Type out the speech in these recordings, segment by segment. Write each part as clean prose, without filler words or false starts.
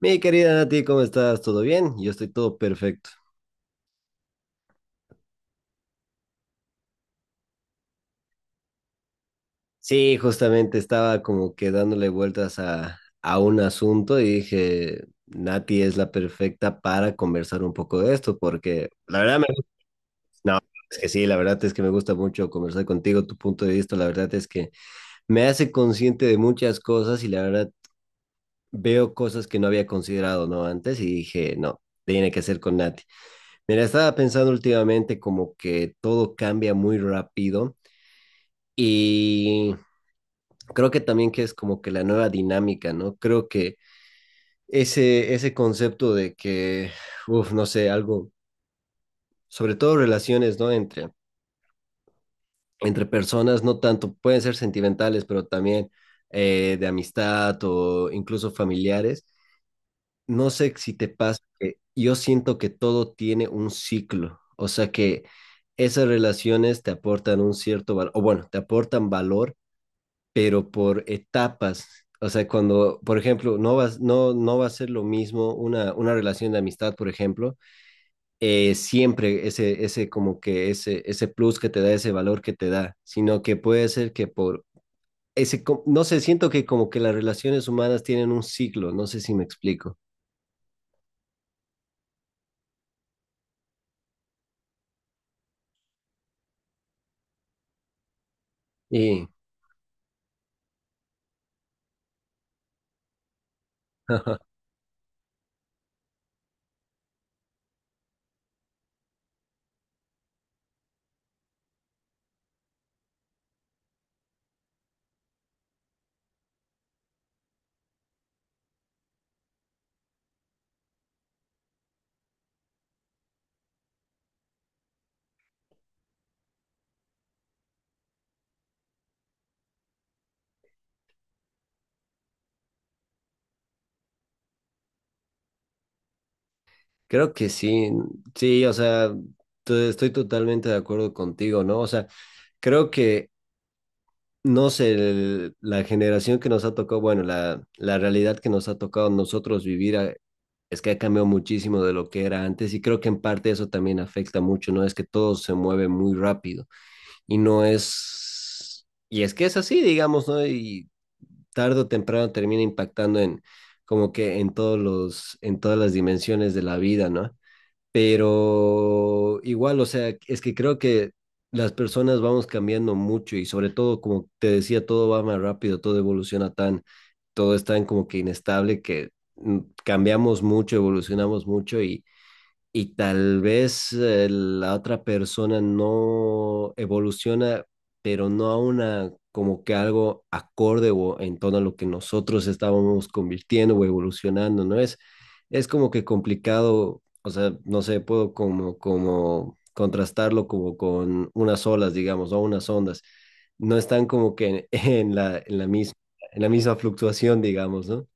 Mi querida Nati, ¿cómo estás? ¿Todo bien? Yo estoy todo perfecto. Sí, justamente estaba como que dándole vueltas a un asunto y dije, Nati es la perfecta para conversar un poco de esto, porque la verdad me gusta, no, es que sí, la verdad es que me gusta mucho conversar contigo, tu punto de vista, la verdad es que me hace consciente de muchas cosas y la verdad veo cosas que no había considerado, ¿no? Antes y dije, no, tiene que ser con Nati. Mira, estaba pensando últimamente como que todo cambia muy rápido y creo que también que es como que la nueva dinámica, ¿no? Creo que ese concepto de que, uff, no sé, algo, sobre todo relaciones, ¿no? Entre personas, no tanto, pueden ser sentimentales, pero también de amistad o incluso familiares. No sé si te pasa que yo siento que todo tiene un ciclo, o sea que esas relaciones te aportan un cierto valor, o bueno, te aportan valor pero por etapas. O sea, cuando, por ejemplo, no va, no, no va a ser lo mismo una relación de amistad, por ejemplo, siempre ese plus que te da, ese valor que te da, sino que puede ser que por no sé, siento que como que las relaciones humanas tienen un ciclo, no sé si me explico. Y creo que sí, sí, o sea, estoy totalmente de acuerdo contigo, ¿no? O sea, creo que no sé, la generación que nos ha tocado, bueno, la realidad que nos ha tocado nosotros vivir es que ha cambiado muchísimo de lo que era antes y creo que en parte eso también afecta mucho, ¿no? Es que todo se mueve muy rápido y no es, y es que es así, digamos, ¿no? Y tarde o temprano termina impactando en como que en todos los, en todas las dimensiones de la vida, ¿no? Pero igual, o sea, es que creo que las personas vamos cambiando mucho y sobre todo, como te decía, todo va más rápido, todo evoluciona tan, todo es tan como que inestable que mm, cambiamos mucho, evolucionamos mucho y tal vez la otra persona no evoluciona, pero no a una como que algo acorde o en tono a lo que nosotros estábamos convirtiendo o evolucionando, ¿no? Es como que complicado, o sea, no sé, puedo como, como contrastarlo como con unas olas, digamos, o unas ondas. No están como que en, en la misma fluctuación, digamos, ¿no?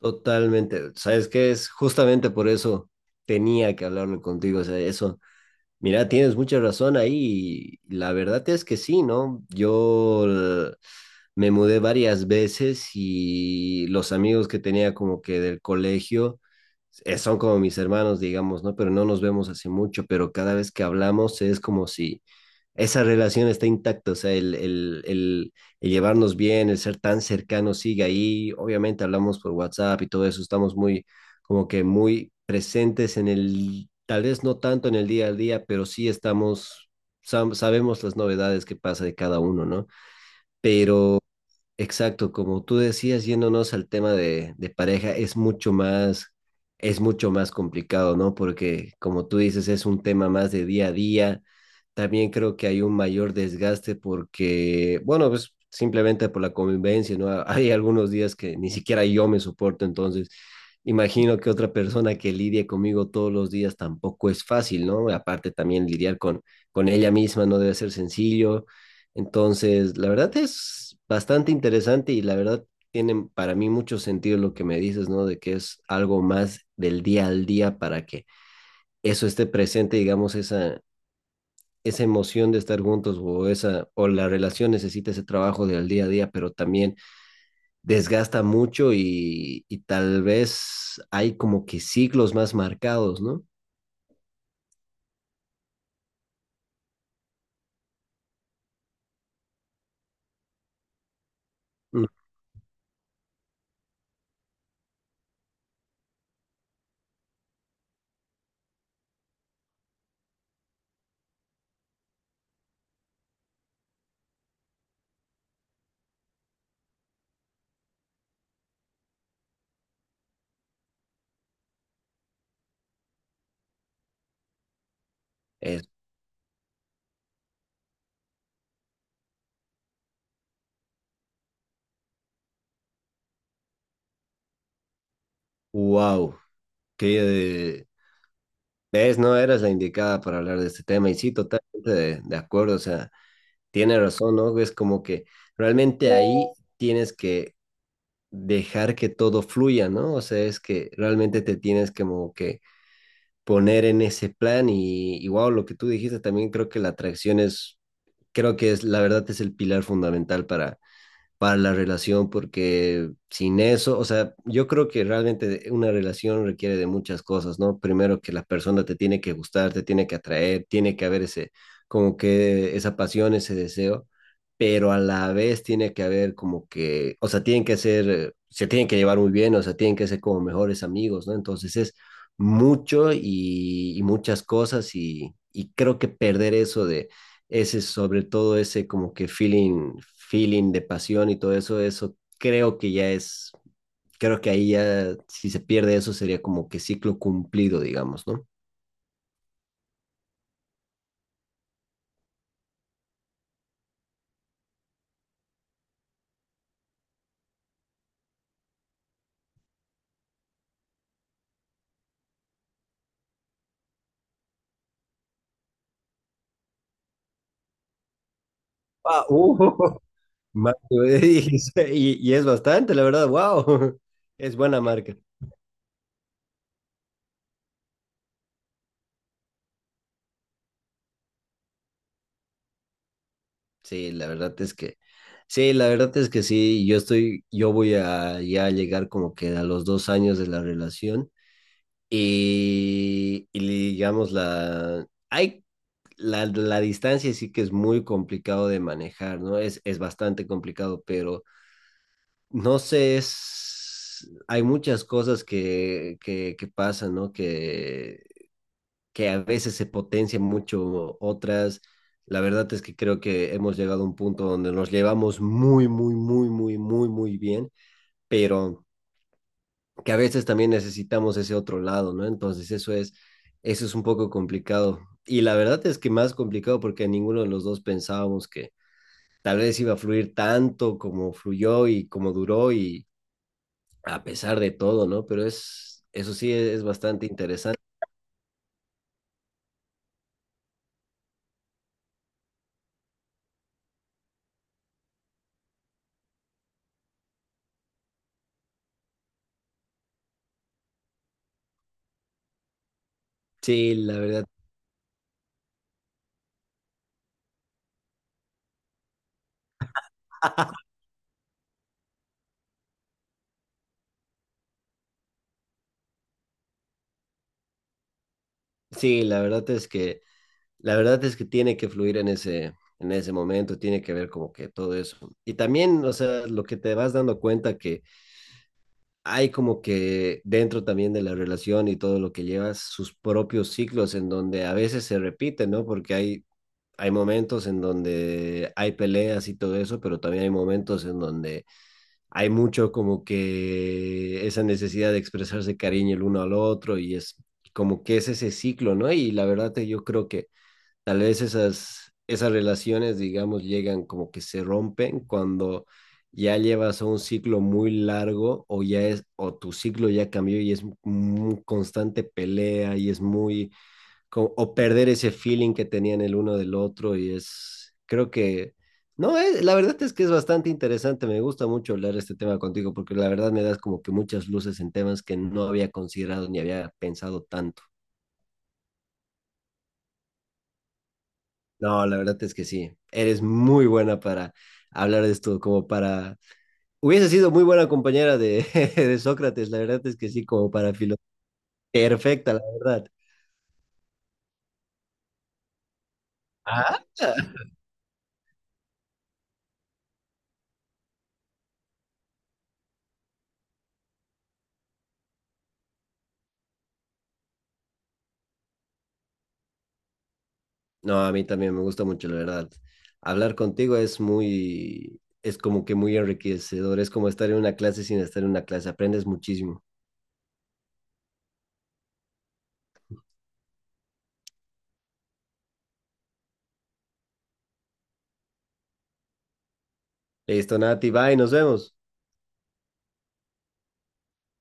Totalmente. Sabes que es justamente por eso tenía que hablarlo contigo. O sea, eso, mira, tienes mucha razón ahí. Y la verdad es que sí, ¿no? Yo me mudé varias veces y los amigos que tenía como que del colegio son como mis hermanos, digamos, ¿no? Pero no nos vemos hace mucho, pero cada vez que hablamos es como si esa relación está intacta, o sea, el llevarnos bien, el ser tan cercano sigue ahí. Obviamente hablamos por WhatsApp y todo eso, estamos muy, como que muy presentes en el, tal vez no tanto en el día a día, pero sí estamos, sabemos las novedades que pasa de cada uno, ¿no? Pero exacto, como tú decías, yéndonos al tema de pareja, es mucho más complicado, ¿no? Porque como tú dices, es un tema más de día a día. También creo que hay un mayor desgaste porque, bueno, pues simplemente por la convivencia, ¿no? Hay algunos días que ni siquiera yo me soporto, entonces imagino que otra persona que lidie conmigo todos los días tampoco es fácil, ¿no? Aparte también lidiar con ella misma no debe ser sencillo entonces, la verdad es bastante interesante y la verdad tiene para mí mucho sentido lo que me dices, ¿no? De que es algo más del día al día para que eso esté presente, digamos, esa emoción de estar juntos o esa, o la relación necesita ese trabajo del día a día, pero también desgasta mucho y tal vez hay como que ciclos más marcados, ¿no? Mm, es, wow, que... ¿Ves? No eras la indicada para hablar de este tema y sí, totalmente de acuerdo. O sea, tiene razón, ¿no? Es como que realmente ahí tienes que dejar que todo fluya, ¿no? O sea, es que realmente te tienes como que poner en ese plan y wow, lo que tú dijiste también creo que la atracción es, creo que es, la verdad es el pilar fundamental para la relación, porque sin eso, o sea, yo creo que realmente una relación requiere de muchas cosas, ¿no? Primero que la persona te tiene que gustar, te tiene que atraer, tiene que haber ese, como que esa pasión, ese deseo, pero a la vez tiene que haber como que, o sea, tienen que ser, se tienen que llevar muy bien, o sea, tienen que ser como mejores amigos, ¿no? Entonces es mucho y muchas cosas y creo que perder eso de ese sobre todo ese como que feeling, feeling de pasión y todo eso, eso creo que ya es, creo que ahí ya si se pierde eso sería como que ciclo cumplido, digamos, ¿no? Ah, uh, Ma- Y, y es bastante, la verdad, wow, es buena marca. Sí, la verdad es que, sí, la verdad es que sí, yo estoy, yo voy a ya llegar como que a los dos años de la relación y digamos la, hay la, la distancia sí que es muy complicado de manejar, ¿no? Es bastante complicado, pero no sé, es, hay muchas cosas que pasan, ¿no? Que a veces se potencian mucho otras. La verdad es que creo que hemos llegado a un punto donde nos llevamos muy, muy, muy, muy, muy, muy bien, pero que a veces también necesitamos ese otro lado, ¿no? Entonces eso es un poco complicado. Y la verdad es que más complicado porque ninguno de los dos pensábamos que tal vez iba a fluir tanto como fluyó y como duró y a pesar de todo, ¿no? Pero es, eso sí es bastante interesante. Sí, la verdad, sí, la verdad es que, la verdad es que tiene que fluir en ese momento, tiene que ver como que todo eso. Y también, o sea, lo que te vas dando cuenta que hay como que dentro también de la relación y todo lo que llevas, sus propios ciclos en donde a veces se repiten, ¿no? Porque hay momentos en donde hay peleas y todo eso, pero también hay momentos en donde hay mucho como que esa necesidad de expresarse cariño el uno al otro y es como que es ese ciclo, ¿no? Y la verdad que yo creo que tal vez esas, esas relaciones, digamos, llegan como que se rompen cuando ya llevas un ciclo muy largo o ya es, o tu ciclo ya cambió y es muy constante pelea y es muy, o perder ese feeling que tenían el uno del otro y es, creo que, no, la verdad es que es bastante interesante, me gusta mucho hablar este tema contigo porque la verdad me das como que muchas luces en temas que no había considerado ni había pensado tanto. No, la verdad es que sí. Eres muy buena para hablar de esto, como para... Hubiese sido muy buena compañera de, de Sócrates, la verdad es que sí, como para filo. Perfecta, la verdad. Ah. No, a mí también me gusta mucho, la verdad. Hablar contigo es muy, es como que muy enriquecedor. Es como estar en una clase sin estar en una clase. Aprendes muchísimo. Listo, Nati, bye, nos vemos.